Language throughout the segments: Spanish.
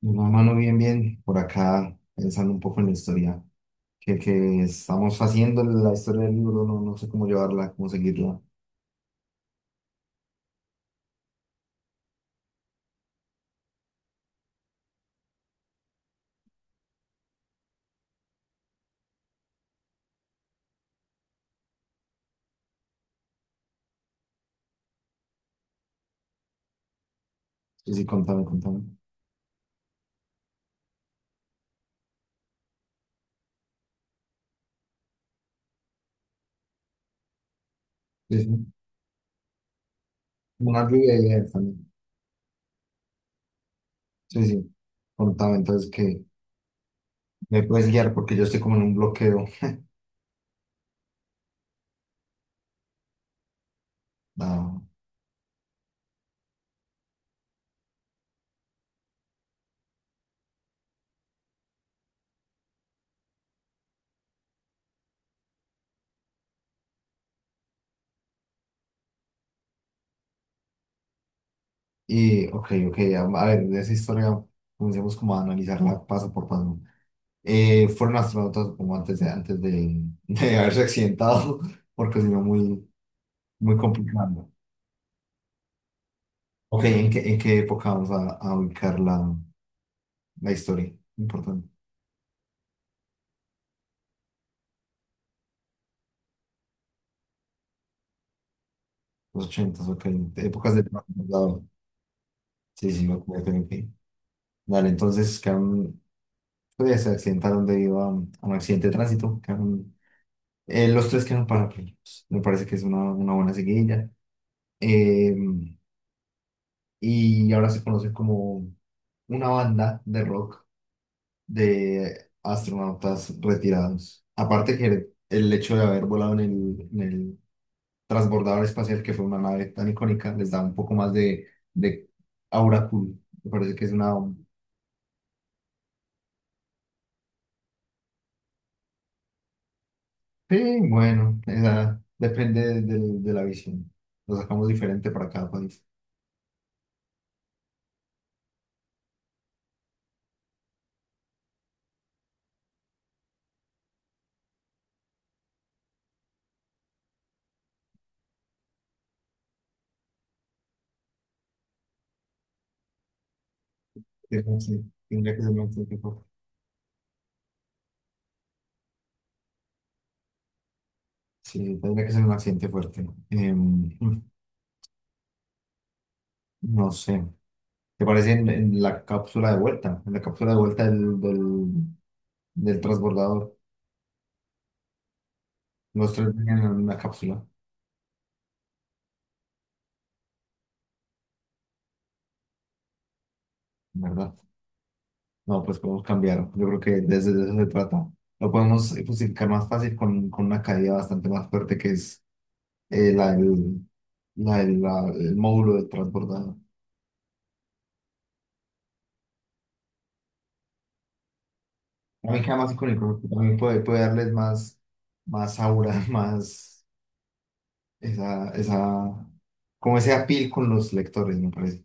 No, mano, bien, bien. Por acá, pensando un poco en la historia que estamos haciendo, la historia del libro, no, no sé cómo llevarla, cómo seguirla. Sí, sí, contame, contame. Sí, sí. Una lluvia de ideas también. Sí, sí. Contame, entonces, que me puedes guiar porque yo estoy como en un bloqueo. Ah, ok, ok, a ver, de esa historia comencemos como a analizarla paso por paso. Fueron astronautas como antes de, de haberse accidentado, porque si no, muy, muy complicado. Ok, en qué época vamos a ubicar la historia? Importante. Los ochentas, ok. Épocas del pasado. Sí, sí, ok, ok, ok. Dale, entonces quedaron, pues, se accidentaron debido a un accidente de tránsito. Los tres quedaron parapléjicos. Me parece que es una buena seguidilla. Eh, y ahora se conoce como una banda de rock de astronautas retirados. Aparte que el hecho de haber volado en el, transbordador espacial, que fue una nave tan icónica, les da un poco más de aura cool. Me parece que es una... Sí, bueno, depende de la visión. Lo sacamos diferente para cada país. Es un accidente, tendría que ser un accidente fuerte. Sí, tendría que ser un accidente fuerte. No sé. ¿Te parece en la cápsula de vuelta? En la cápsula de vuelta del transbordador. Los tres venían en una cápsula, ¿verdad? No, pues podemos cambiar. Yo creo que desde de eso se trata. Lo podemos justificar más fácil con una caída bastante más fuerte que es eh, la, del- el módulo del transbordador. A mí queda más icónico, porque también puede darles más, más aura, más esa, esa, como ese appeal con los lectores, me parece.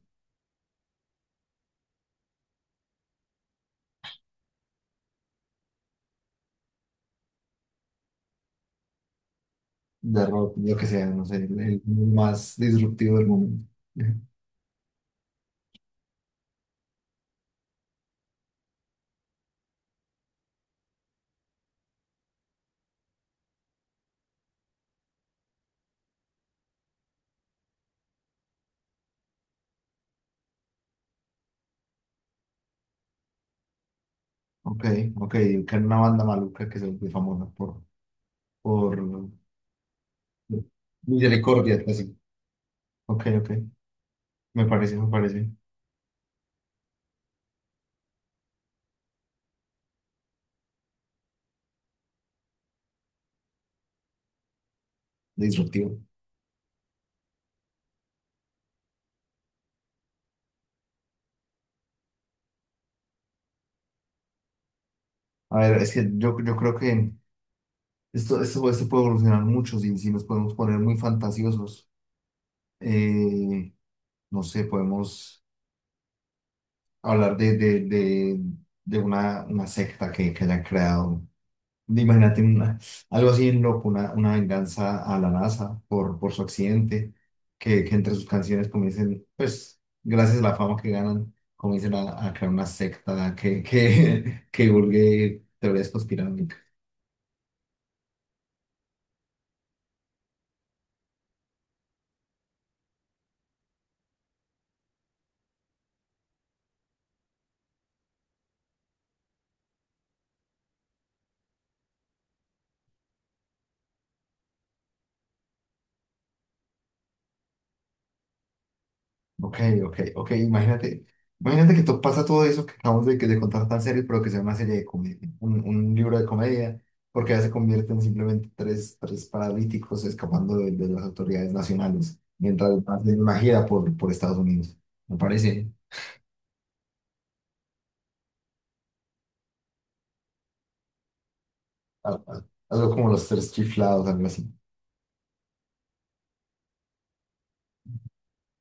De rock, lo que sea, no sé, el más disruptivo del momento. Ok, ok, que era una banda maluca que se volvió famosa por misericordia. Ok, ok. Me parece disruptivo. A ver, es que yo creo que esto puede evolucionar mucho si nos podemos poner muy fantasiosos. Eh, no sé, podemos hablar de una secta que hayan creado. Imagínate algo así en loco, una venganza a la NASA por su accidente, que entre sus canciones comiencen, pues, gracias a la fama que ganan, comiencen a crear una secta que divulgue teorías conspiranoicas. Ok, ok, ok, imagínate que pasa todo eso que acabamos de contar tan serio, pero que sea una serie de comedia, un libro de comedia, porque ya se convierten simplemente tres paralíticos escapando de las autoridades nacionales mientras hacen una gira por Estados Unidos. Me parece a- a- algo como los tres chiflados, algo así.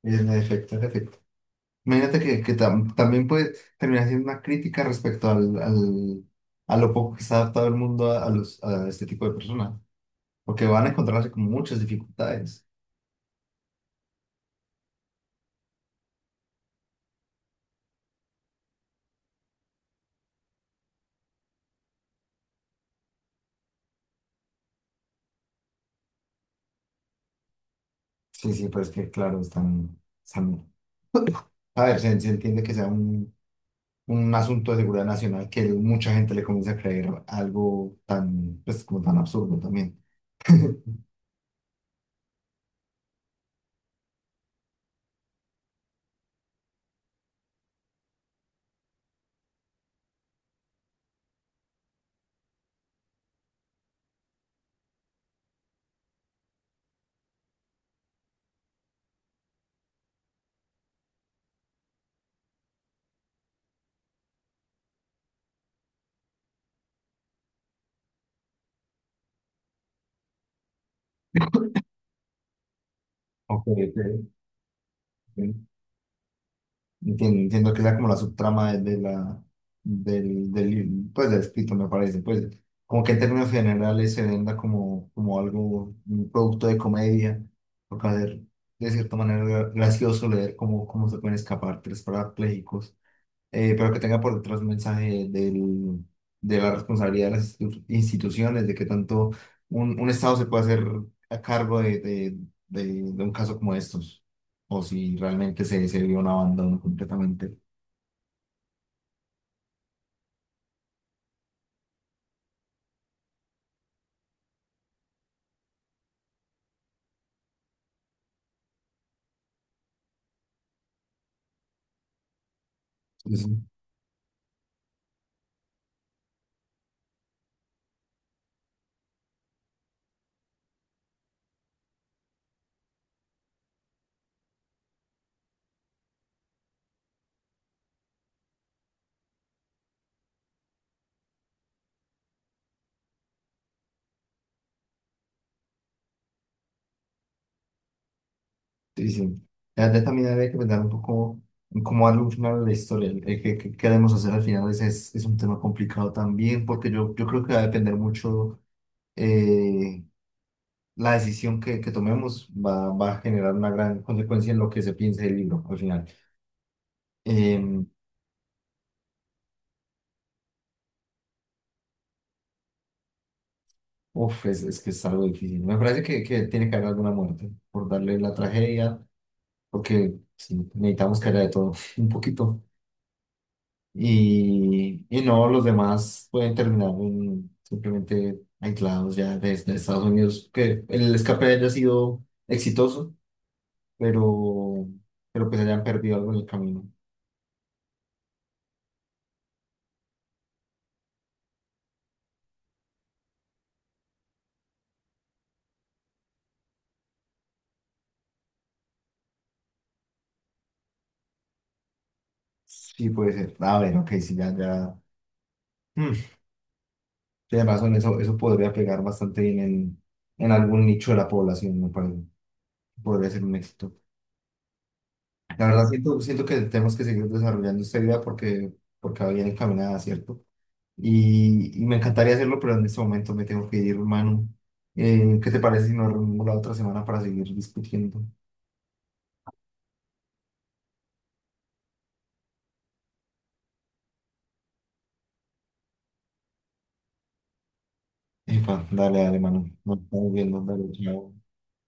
En efecto, en efecto. Imagínate que también puede terminar siendo una crítica respecto a lo poco que está adaptado el mundo a este tipo de personas. Porque van a encontrarse con muchas dificultades. Sí, sí, pues que claro, están, están, a ver, se entiende que sea un asunto de seguridad nacional que mucha gente le comienza a creer algo tan, pues, como tan absurdo también. Ok, ok. Entiendo que sea como la subtrama de la, del, del, pues, del escrito, me parece. Pues, como que en términos generales se venda como algo, un producto de comedia, porque hacer de cierta manera gracioso leer cómo se pueden escapar tres parapléjicos, pero que tenga por detrás un mensaje de la responsabilidad de las instituciones, de que tanto un Estado se puede hacer a cargo de un caso como estos, o si realmente se vio un abandono completamente. Entonces, sí, sí. La verdad también habría que pensar un poco en cómo darle un final a la historia. Qué queremos hacer al final? Ese es un tema complicado también, porque yo creo que va a depender mucho. eh, la decisión que tomemos va a generar una gran consecuencia en lo que se piense del libro al final. Eh, Uf, es que es algo difícil. Me parece que tiene que haber alguna muerte por darle la tragedia, porque sí, necesitamos que haya de todo un poquito. Y no, los demás pueden terminar simplemente aislados ya desde Estados Unidos, que el escape haya sido exitoso, pero, pues hayan perdido algo en el camino. Sí, puede ser. A ver, ok, sí, ya, ya. Mm. Sí, además, son eso podría pegar bastante bien en algún nicho de la población, me parece. Podría ser un éxito. La verdad, siento que tenemos que seguir desarrollando esta idea porque va bien encaminada, ¿cierto? Y me encantaría hacerlo, pero en este momento me tengo que ir, Manu. ¿Qué te parece si nos reunimos la otra semana para seguir discutiendo? Epa, dale, dale, Manu. Nos estamos viendo, dale, chao.